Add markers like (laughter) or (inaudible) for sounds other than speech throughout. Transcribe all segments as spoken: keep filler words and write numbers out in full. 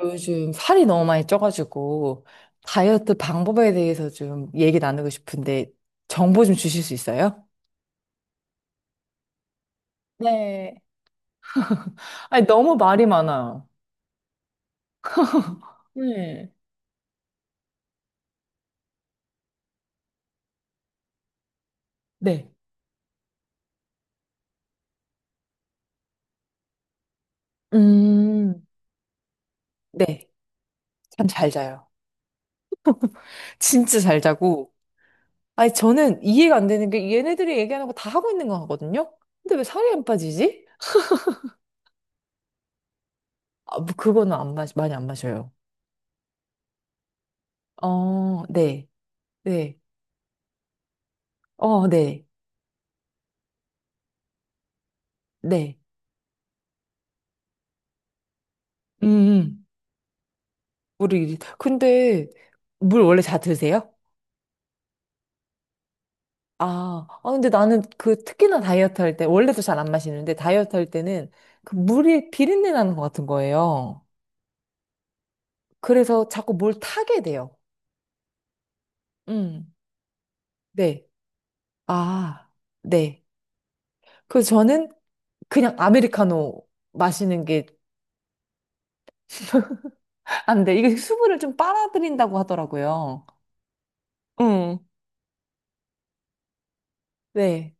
요즘 살이 너무 많이 쪄가지고 다이어트 방법에 대해서 좀 얘기 나누고 싶은데 정보 좀 주실 수 있어요? 네, 아니, 너무 말이 많아요. 네, 네. 음, 네. 잠 잘 자요. 진짜 잘 자고. 아니, 저는 이해가 안 되는 게 얘네들이 얘기하는 거 다 하고 있는 거 같거든요? 근데 왜 살이 안 빠지지? 아, 뭐 그거는 안 마, 많이 안 마셔요. 어, 네. 네. 어, 네. 네. 음. 음. 우리 근데 물 원래 다 드세요? 아, 아 근데 나는 그 특히나 다이어트 할 때 원래도 잘 안 마시는데 다이어트 할 때는 그 물이 비린내 나는 것 같은 거예요. 그래서 자꾸 뭘 타게 돼요. 음, 네. 아, 네. 그래서 저는 그냥 아메리카노 마시는 게 (laughs) 안 돼. 이게 수분을 좀 빨아들인다고 하더라고요. 음, 네.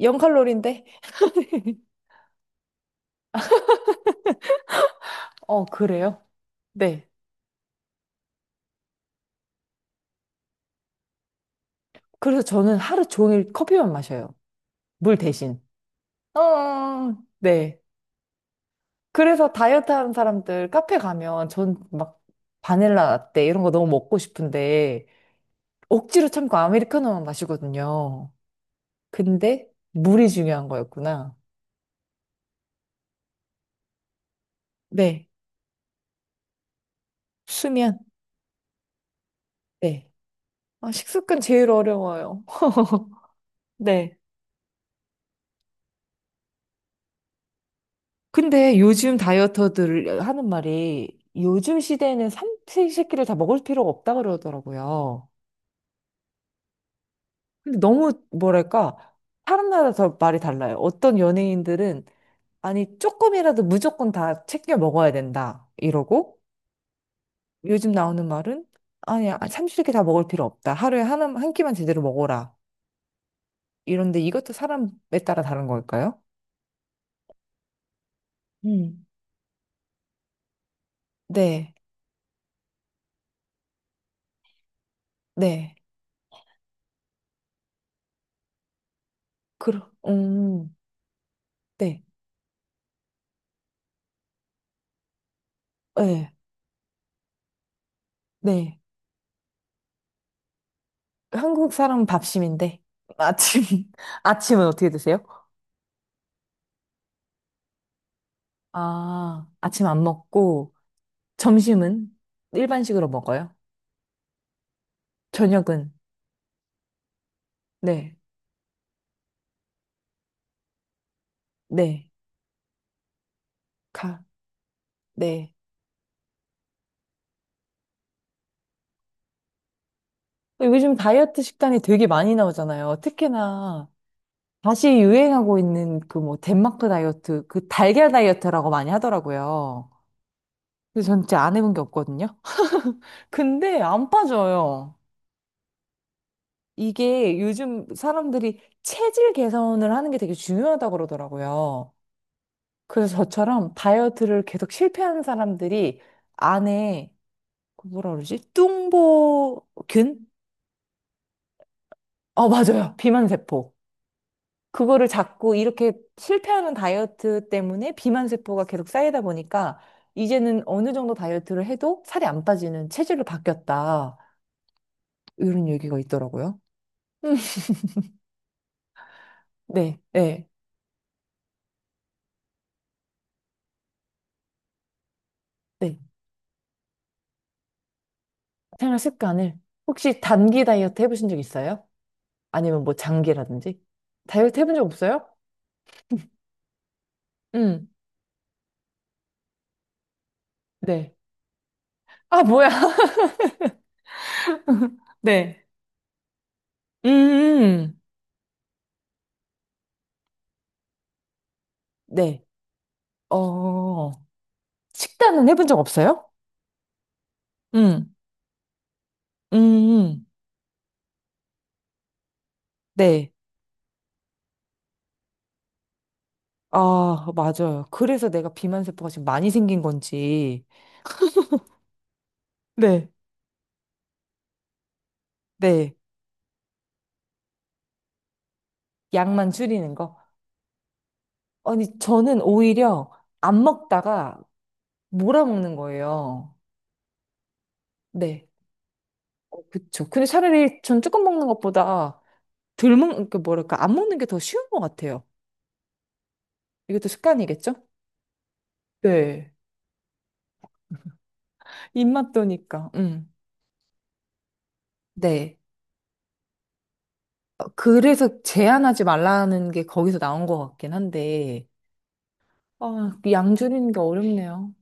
영 칼로리인데? (laughs) 어, 그래요? 네. 그래서 저는 하루 종일 커피만 마셔요. 물 대신. 어, 어, 네. 그래서 다이어트 하는 사람들 카페 가면 전 막 바닐라 라떼 이런 거 너무 먹고 싶은데 억지로 참고 아메리카노만 마시거든요. 근데 물이 중요한 거였구나. 네. 수면. 네. 아, 식습관 제일 어려워요. (laughs) 네. 근데 요즘 다이어터들 하는 말이 요즘 시대에는 삼시세끼를 다 먹을 필요가 없다 그러더라고요. 근데 너무 뭐랄까 사람마다 더 말이 달라요. 어떤 연예인들은 아니 조금이라도 무조건 다 챙겨 먹어야 된다 이러고 요즘 나오는 말은 아니 아, 삼시세끼 다 먹을 필요 없다. 하루에 하나 한 끼만 제대로 먹어라. 이런데 이것도 사람에 따라 다른 걸까요? 음. 네, 네, 그러, 음, 네, 네, 네. 한국 사람은 밥심인데 아침 (laughs) 아침은 어떻게 드세요? 아, 아침 안 먹고. 점심은 일반식으로 먹어요. 저녁은 네, 네, 가, 네. 요즘 다이어트 식단이 되게 많이 나오잖아요. 특히나 다시 유행하고 있는 그 뭐 덴마크 다이어트, 그 달걀 다이어트라고 많이 하더라고요. 근데 전 진짜 안 해본 게 없거든요. (laughs) 근데 안 빠져요. 이게 요즘 사람들이 체질 개선을 하는 게 되게 중요하다고 그러더라고요. 그래서 저처럼 다이어트를 계속 실패하는 사람들이 안에 그 뭐라 그러지? 뚱보균? 어, 맞아요. 비만세포. 그거를 자꾸 이렇게 실패하는 다이어트 때문에 비만세포가 계속 쌓이다 보니까 이제는 어느 정도 다이어트를 해도 살이 안 빠지는 체질로 바뀌었다. 이런 얘기가 있더라고요. 음, 네, 네, 네. 생활 습관을. 혹시 단기 다이어트 해보신 적 있어요? 아니면 뭐 장기라든지? 다이어트 해본 적 없어요? 음, 네. 아, 뭐야. (laughs) 네. 음, 네. 어. 식단은 해본 적 없어요? 응, 음, 음, 네. 아, 맞아요. 그래서 내가 비만세포가 지금 많이 생긴 건지. 네, 네. 양만 줄이는 거. 아니, 저는 오히려 안 먹다가 몰아먹는 거예요. 네. 어, 그쵸. 근데 차라리 전 조금 먹는 것보다 덜 먹는, 그 뭐랄까, 안 먹는 게 더 쉬운 것 같아요. 이것도 습관이겠죠? 네. 입맛 도니까. 음. 네. 그래서 제한하지 말라는 게 거기서 나온 것 같긴 한데, 아, 양 줄이는 게 어렵네요.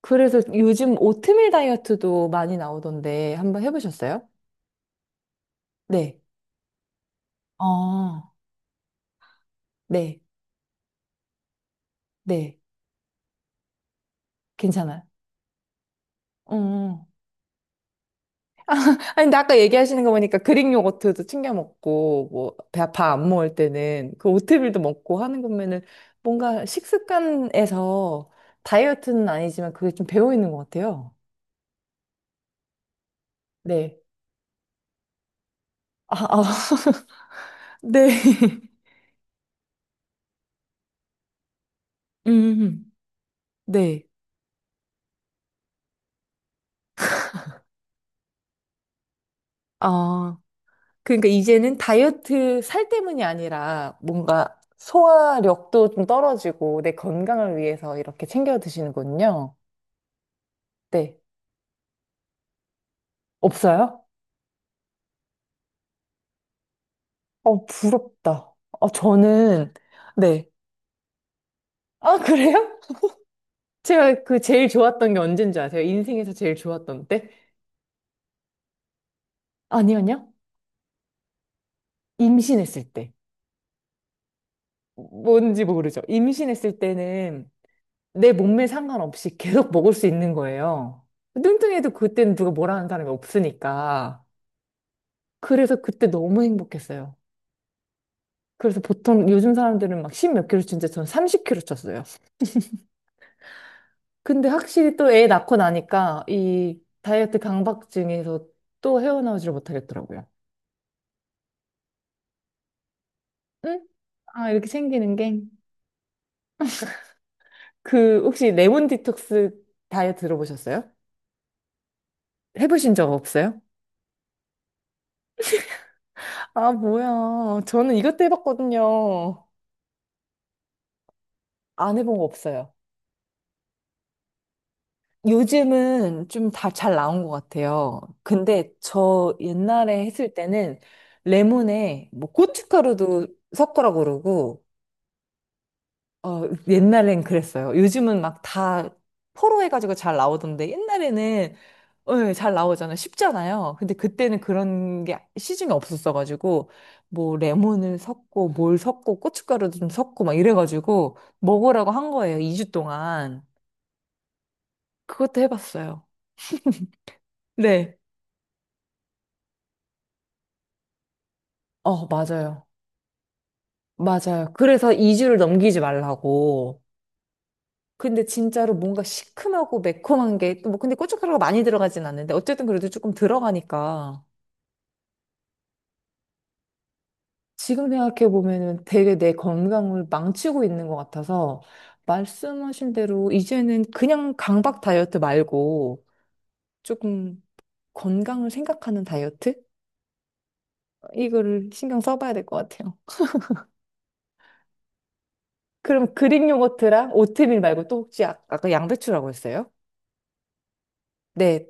그래서 요즘 오트밀 다이어트도 많이 나오던데, 한번 해보셨어요? 네. 아, 네. 네. 괜찮아요. 음. 아니, 근데 아까 얘기하시는 거 보니까 그릭 요거트도 챙겨 먹고, 뭐, 배 아파 안 먹을 때는 그 오트밀도 먹고 하는 거면은 뭔가 식습관에서 다이어트는 아니지만 그게 좀 배어 있는 것 같아요. 네. 아, 아, (laughs) 네. 음, 네. 아, 그러니까 이제는 다이어트 살 때문이 아니라 뭔가 소화력도 좀 떨어지고 내 건강을 위해서 이렇게 챙겨 드시는군요. 네. 없어요? 어, 부럽다. 어, 저는, 네. 아, (laughs) 그래요? 제가 그 제일 좋았던 게 언제인 줄 아세요? 인생에서 제일 좋았던 때? 아니요, 아니요. 임신했을 때. 뭔지 모르죠. 임신했을 때는 내 몸매 상관없이 (laughs) 계속 먹을 수 있는 거예요. 뚱뚱해도 그때는 누가 뭐라 하는 사람이 없으니까. 그래서 그때 너무 행복했어요. 그래서 보통 요즘 사람들은 막 십 몇 킬로 찌는데 저는 삼십 킬로 쪘어요. 근데 확실히 또 애 낳고 나니까 이 다이어트 강박증에서 또 헤어나오지를 못하겠더라고요. 응? 아, 이렇게 생기는 게. 그, 혹시 레몬 디톡스 다이어트 들어보셨어요? 해보신 적 없어요? 아, 뭐야. 저는 이것도 해봤거든요. 안 해본 거 없어요. 요즘은 좀 다 잘 나온 것 같아요. 근데 저 옛날에 했을 때는 레몬에 뭐 고춧가루도 섞으라고 그러고, 어, 옛날엔 그랬어요. 요즘은 막 다 포로 해가지고 잘 나오던데 옛날에는 어, 예, 잘 나오잖아요. 쉽잖아요. 근데 그때는 그런 게 시중에 없었어가지고 뭐 레몬을 섞고 뭘 섞고 고춧가루도 좀 섞고 막 이래가지고 먹으라고 한 거예요. 이 주 동안. 그것도 해봤어요. 네. 어, 맞아요. 맞아요. 그래서 이 주를 넘기지 말라고. 근데 진짜로 뭔가 시큼하고 매콤한 게, 또 뭐, 근데 고춧가루가 많이 들어가진 않는데, 어쨌든 그래도 조금 들어가니까. 지금 생각해보면은 되게 내 건강을 망치고 있는 것 같아서, 말씀하신 대로 이제는 그냥 강박 다이어트 말고, 조금 건강을 생각하는 다이어트? 이거를 신경 써봐야 될 것 같아요. 그럼 그릭 요거트랑 오트밀 말고 또 혹시 아- 아까 양배추라고 했어요? 네.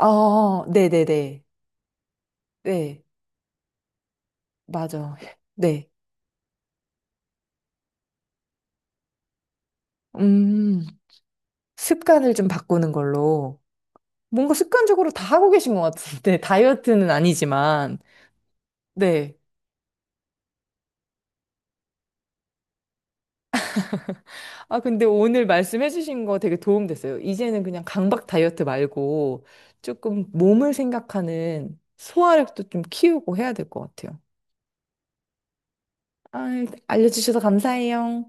어, 네네네. 네, 맞아. 네. 음, 습관을 좀 바꾸는 걸로. 뭔가 습관적으로 다 하고 계신 것 같은데, (laughs) 다이어트는 아니지만. 네. 아, 근데 오늘 말씀해주신 거 되게 도움 됐어요. 이제는 그냥 강박 다이어트 말고 조금 몸을 생각하는 소화력도 좀 키우고 해야 될 것 같아요. 아, 알려주셔서 감사해요.